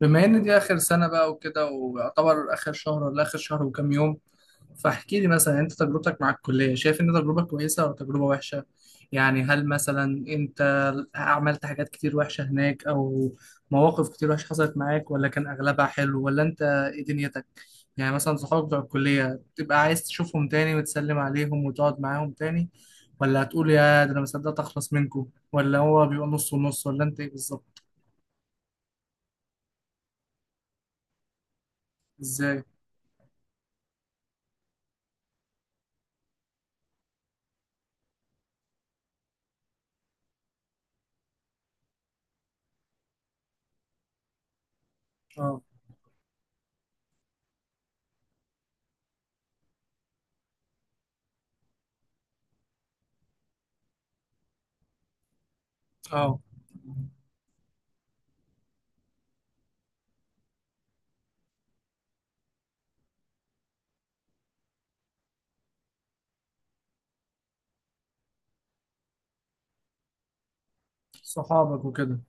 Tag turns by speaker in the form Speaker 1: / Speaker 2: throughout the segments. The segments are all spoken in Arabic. Speaker 1: بما ان دي اخر سنه بقى وكده، ويعتبر اخر شهر ولا اخر شهر وكام يوم. فاحكي لي مثلا انت تجربتك مع الكليه، شايف ان تجربه كويسه ولا تجربه وحشه؟ يعني هل مثلا انت عملت حاجات كتير وحشه هناك، او مواقف كتير وحشه حصلت معاك، ولا كان اغلبها حلو؟ ولا انت ايه دنيتك؟ يعني مثلا صحابك بتوع الكليه تبقى عايز تشوفهم تاني وتسلم عليهم وتقعد معاهم تاني، ولا هتقول يا ده انا مصدقت اخلص منكم، ولا هو بيبقى نص ونص، ولا انت ايه بالظبط؟ ازاي؟ اه. اه، صحابك وكده.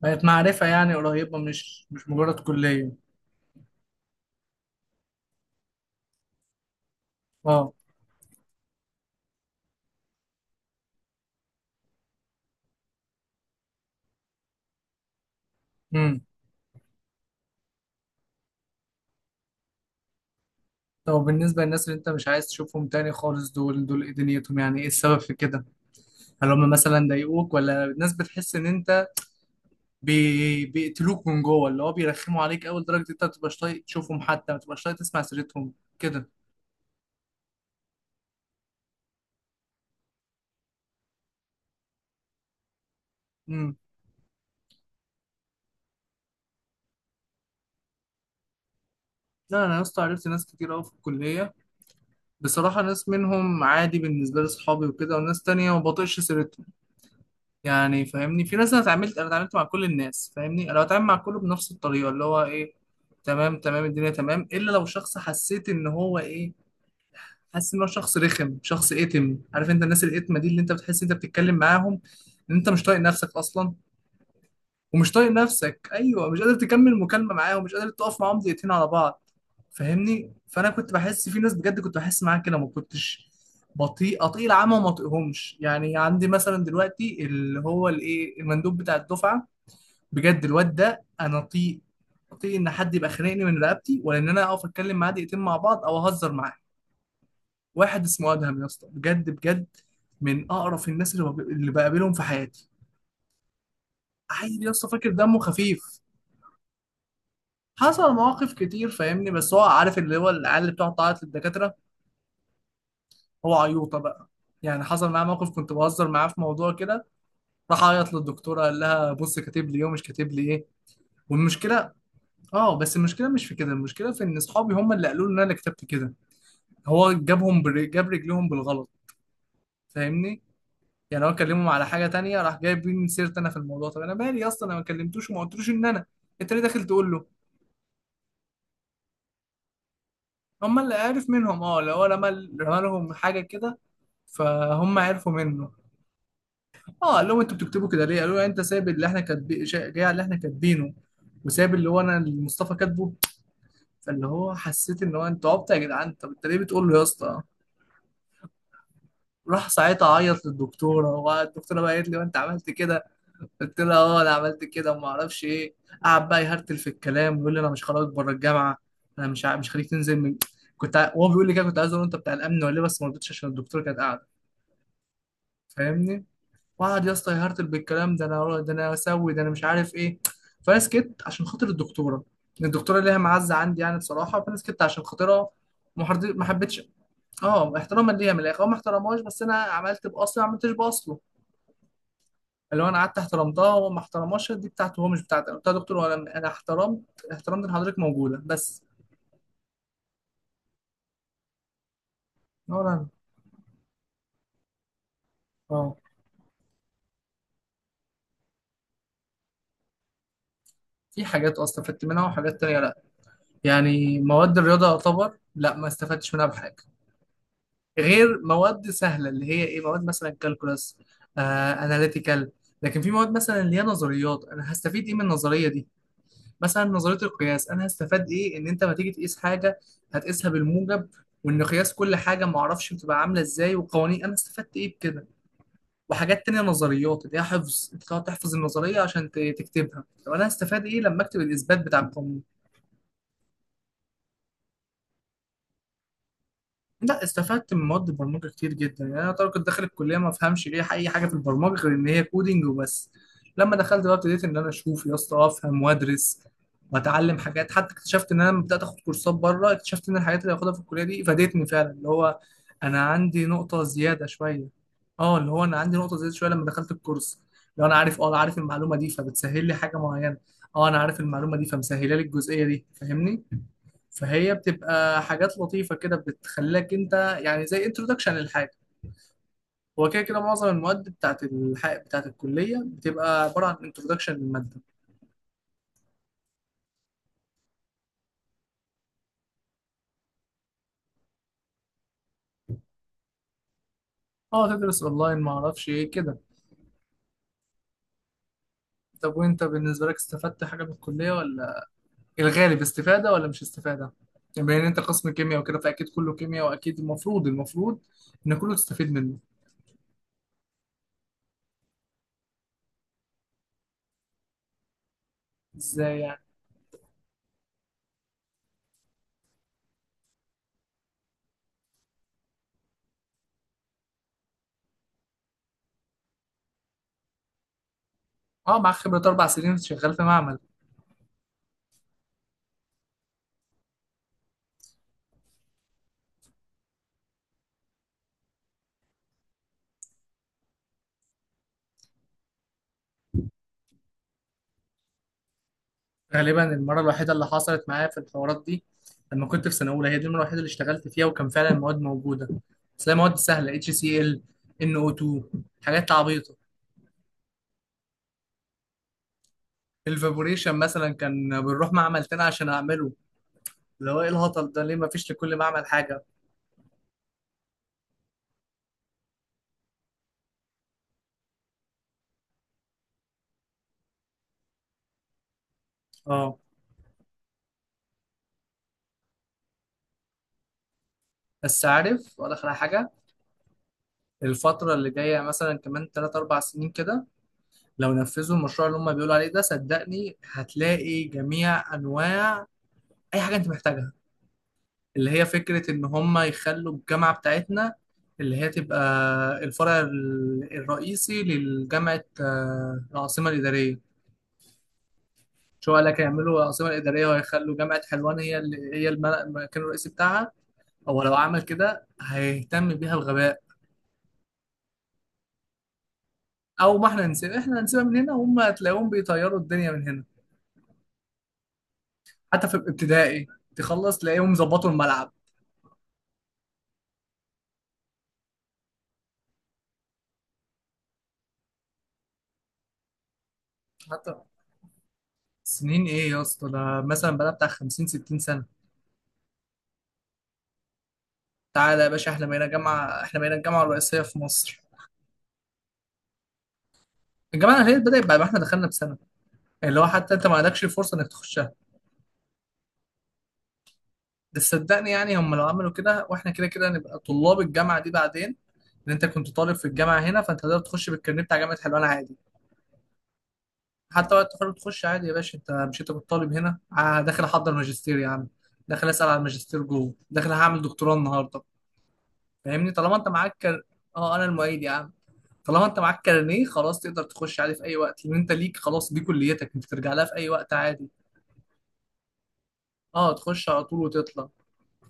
Speaker 1: بقت معرفة يعني قريبة، مش مجرد كلية. اه. امم. طب بالنسبة للناس اللي انت مش عايز تشوفهم تاني خالص، دول دول ايه دنيتهم؟ يعني ايه السبب في كده؟ هل هم مثلا ضايقوك، ولا الناس بتحس ان انت بيقتلوك من جوه؟ اللي هو بيرخموا عليك اول درجة انت ما بتبقاش طايق تشوفهم، حتى ما بتبقاش طايق تسمع سيرتهم كده. امم. لا انا يا اسطى عرفت ناس كتير قوي في الكلية. بصراحة ناس منهم عادي بالنسبة لي، صحابي وكده، وناس تانية ما بطيقش سيرتهم. يعني فاهمني، في ناس، انا اتعاملت مع كل الناس، فاهمني، انا بتعامل مع كله بنفس الطريقه، اللي هو ايه، تمام تمام، الدنيا تمام، الا لو شخص حسيت ان هو ايه، حاسس ان هو شخص رخم، شخص اتم. عارف انت الناس الاتمه دي، اللي انت بتحس انت بتتكلم معاهم ان انت مش طايق نفسك اصلا، ومش طايق نفسك، ايوه، مش قادر تكمل مكالمه معاهم، مش قادر تقف معاهم دقيقتين على بعض. فاهمني. فانا كنت بحس في ناس بجد، كنت بحس معاها كده، ما كنتش بطيء اطيل العمى وما اطيقهمش. يعني عندي مثلا دلوقتي اللي هو الايه، المندوب بتاع الدفعه، بجد الواد ده انا اطيق، اطيق ان حد يبقى خانقني من رقبتي ولا ان انا اقف اتكلم معاه دقيقتين مع بعض او اهزر معاه. واحد اسمه ادهم يا اسطى، بجد بجد من اقرف الناس اللي اللي بقابلهم في حياتي. عيل يا اسطى فاكر دمه خفيف. حصل مواقف كتير فاهمني، بس هو عارف اللي هو العيال اللي بتقعد تعيط للدكاتره، هو عيوطه بقى. يعني حصل معاه موقف كنت بهزر معاه في موضوع كده، راح عيط للدكتوره، قال لها بص كاتب لي ايه ومش كاتب لي ايه. والمشكله، اه بس المشكله مش في كده، المشكله في ان اصحابي هم اللي قالوا لي ان انا اللي كتبت كده. هو جاب رجليهم بالغلط، فاهمني. يعني هو كلمهم على حاجه تانية، راح جايبين سيرت انا في الموضوع. طب انا مالي اصلا؟ انا ما كلمتوش وما قلتلوش ان انا، انت ليه داخل تقول له؟ هم اللي عارف منهم. اه، لو هو رمى، رمى لهم حاجه كده، فهم عرفوا منه. اه قال لهم انتوا بتكتبوا كده ليه؟ قالوا له انت سايب اللي احنا كاتبين جاي على اللي احنا كاتبينه، وسايب اللي هو انا اللي مصطفى كاتبه. فاللي هو حسيت ان هو، انتوا عبط يا جدعان، طب انت ليه بتقول له يا اسطى؟ راح ساعتها عيط للدكتوره، والدكتوره بقى قالت لي انت عملت كده؟ قلت له اه انا عملت كده وما اعرفش ايه. قعد بقى يهرتل في الكلام، ويقول لي انا مش خرجك بره الجامعه، انا مش خليك تنزل من. وهو بيقول لي كده، كنت عايز اقول له انت بتاع الامن ولا ايه، بس ما رضيتش عشان الدكتوره كانت قاعده. فاهمني. وقعد يا اسطى يهرتل بالكلام ده، انا ده، انا اسوي ده، انا مش عارف ايه. فانا سكت عشان خاطر الدكتوره. الدكتوره ليها معزه عندي يعني بصراحه، فانا سكت عشان خاطرها. ما حبيتش. اه، احتراما ليها من الاخر. هو ما احترمهاش، بس انا عملت باصلي ما عملتش باصله. اللي هو انا قعدت احترمتها وهو ما احترمهاش. دي بتاعته هو مش بتاعتي، انا قلت له يا دكتور، ولا انا، أنا احترمت، احترمت ان حضرتك موجوده بس. ولا انا. اه. في حاجات اصلا استفدت منها، وحاجات تانية لا. يعني مواد الرياضه يعتبر لا، ما استفدتش منها بحاجه، غير مواد سهله اللي هي ايه، مواد مثلا كالكولاس، اناليتيكال. لكن في مواد مثلا اللي هي نظريات، انا هستفيد ايه من النظريه دي؟ مثلا نظريه القياس، انا هستفاد ايه ان انت ما تيجي تقيس حاجه هتقيسها بالموجب، وان قياس كل حاجه ما اعرفش بتبقى عامله ازاي، وقوانين، انا استفدت ايه بكده؟ وحاجات تانية، نظريات اللي هي حفظ، انت تقعد تحفظ النظرية عشان تكتبها، طب انا هستفاد ايه لما اكتب الاثبات بتاع. لا، استفدت من مواد البرمجه كتير جدا. يعني انا طبعا كنت داخل الكليه ما افهمش ليه اي حاجه في البرمجه غير ان هي كودينج وبس. لما دخلت بقى ابتديت ان انا اشوف يا اسطى، افهم وادرس واتعلم حاجات. حتى اكتشفت ان انا لما بدات اخد كورسات بره، اكتشفت ان الحاجات اللي باخدها في الكليه دي فادتني فعلا. اللي هو انا عندي نقطه زياده شويه. اه، اللي هو انا عندي نقطه زياده شويه لما دخلت الكورس. لو انا عارف، اه انا عارف المعلومه دي، فبتسهل لي حاجه معينه. اه انا عارف المعلومه دي، فمسهله لي الجزئيه دي، فاهمني. فهي بتبقى حاجات لطيفة كده، بتخليك انت، يعني زي انترودكشن للحاجة. هو كده كده معظم المواد بتاعت الحق بتاعت الكلية بتبقى عبارة عن انترودكشن للمادة. اه تدرس اونلاين ما اعرفش ايه كده. طب وانت بالنسبة لك استفدت حاجة من الكلية ولا، الغالب استفادة ولا مش استفادة؟ يعني بما ان انت قسم كيمياء وكده، فاكيد كله كيمياء، واكيد المفروض ان كله تستفيد منه. ازاي يعني؟ اه معاك خبرة 4 سنين شغال في معمل. غالبا المرة الوحيدة اللي حصلت معايا في الحوارات دي لما كنت في سنة أولى، هي دي المرة الوحيدة اللي اشتغلت فيها وكان فعلا المواد موجودة. بس هي مواد سهلة، HCl، NO2، حاجات عبيطة. الفابوريشن مثلا كان بنروح معمل تاني عشان أعمله. اللي هو إيه الهطل ده؟ ليه مفيش لكل معمل حاجة؟ أه، بس عارف ولا آخر حاجة. الفترة اللي جاية مثلا كمان 3 4 سنين كده، لو نفذوا المشروع اللي هم بيقولوا عليه ده، صدقني هتلاقي جميع أنواع أي حاجة أنت محتاجها. اللي هي فكرة إن هم يخلوا الجامعة بتاعتنا، اللي هي تبقى الفرع الرئيسي لجامعة العاصمة الإدارية. شو قال لك هيعملوا العاصمة الإدارية وهيخلوا جامعة حلوان هي اللي هي المكان الرئيسي بتاعها. هو لو عمل كده هيهتم بيها بغباء. أو ما إحنا نسيب، إحنا هنسيبها من هنا، وهم هتلاقيهم بيطيروا الدنيا من هنا. حتى في الابتدائي، تخلص تلاقيهم ظبطوا الملعب. حتى سنين إيه يا اسطى، ده مثلا بقى بتاع 50 60 سنة. تعالى يا باشا، احنا بقينا جامعة، احنا بقينا الجامعة الرئيسية في مصر. الجامعة الأهلية بدأت بعد ما احنا دخلنا بسنة، اللي هو حتى انت ما عندكش الفرصة انك تخشها. بس صدقني يعني هم لو عملوا كده، واحنا كده كده نبقى طلاب الجامعة دي بعدين. ان انت كنت طالب في الجامعة هنا، فانت تقدر تخش بالكارنيه بتاع جامعة حلوان عادي. حتى وقت التخرج تخش عادي يا باشا. انت مش انت كنت طالب هنا؟ داخل احضر ماجستير يا عم، داخل اسأل على الماجستير جوه، داخل هعمل دكتوراه النهارده. فاهمني طالما انت معاك اه انا المعيد يا عم. طالما انت معاك كارنيه خلاص تقدر تخش عادي في اي وقت، لان انت ليك خلاص دي كليتك، انت ترجع لها في اي وقت عادي. اه تخش على طول وتطلع.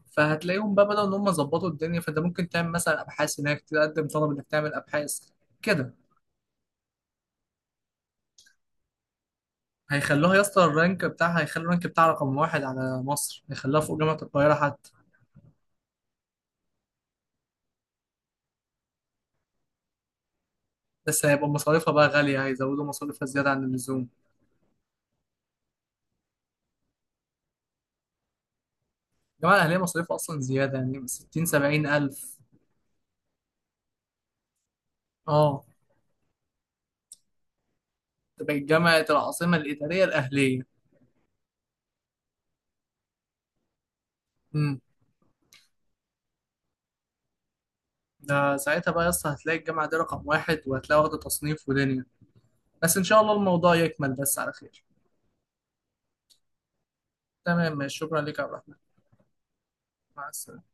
Speaker 1: فهتلاقيهم بقى بدأوا ان هم ظبطوا الدنيا، فانت ممكن تعمل مثلا ابحاث هناك، تقدم طلب انك تعمل ابحاث كده. هيخلوها يا اسطى، الرانك بتاعها هيخلوا الرانك بتاعها رقم 1 على مصر، هيخلوها فوق جامعة القاهرة حتى. بس هيبقى مصاريفها بقى غالية، هيزودوا مصاريفها زيادة عن اللزوم. الجامعة الأهلية مصاريفها أصلا زيادة، يعني 60 70 ألف. اه تبقى الجامعة العاصمة الإدارية الأهلية. ده ساعتها بقى يا اسطى هتلاقي الجامعة دي رقم 1، وهتلاقي واخدة تصنيف ودنيا. بس إن شاء الله الموضوع يكمل بس على خير. تمام ماشي، شكرا ليك يا عبد الرحمن. مع السلامة.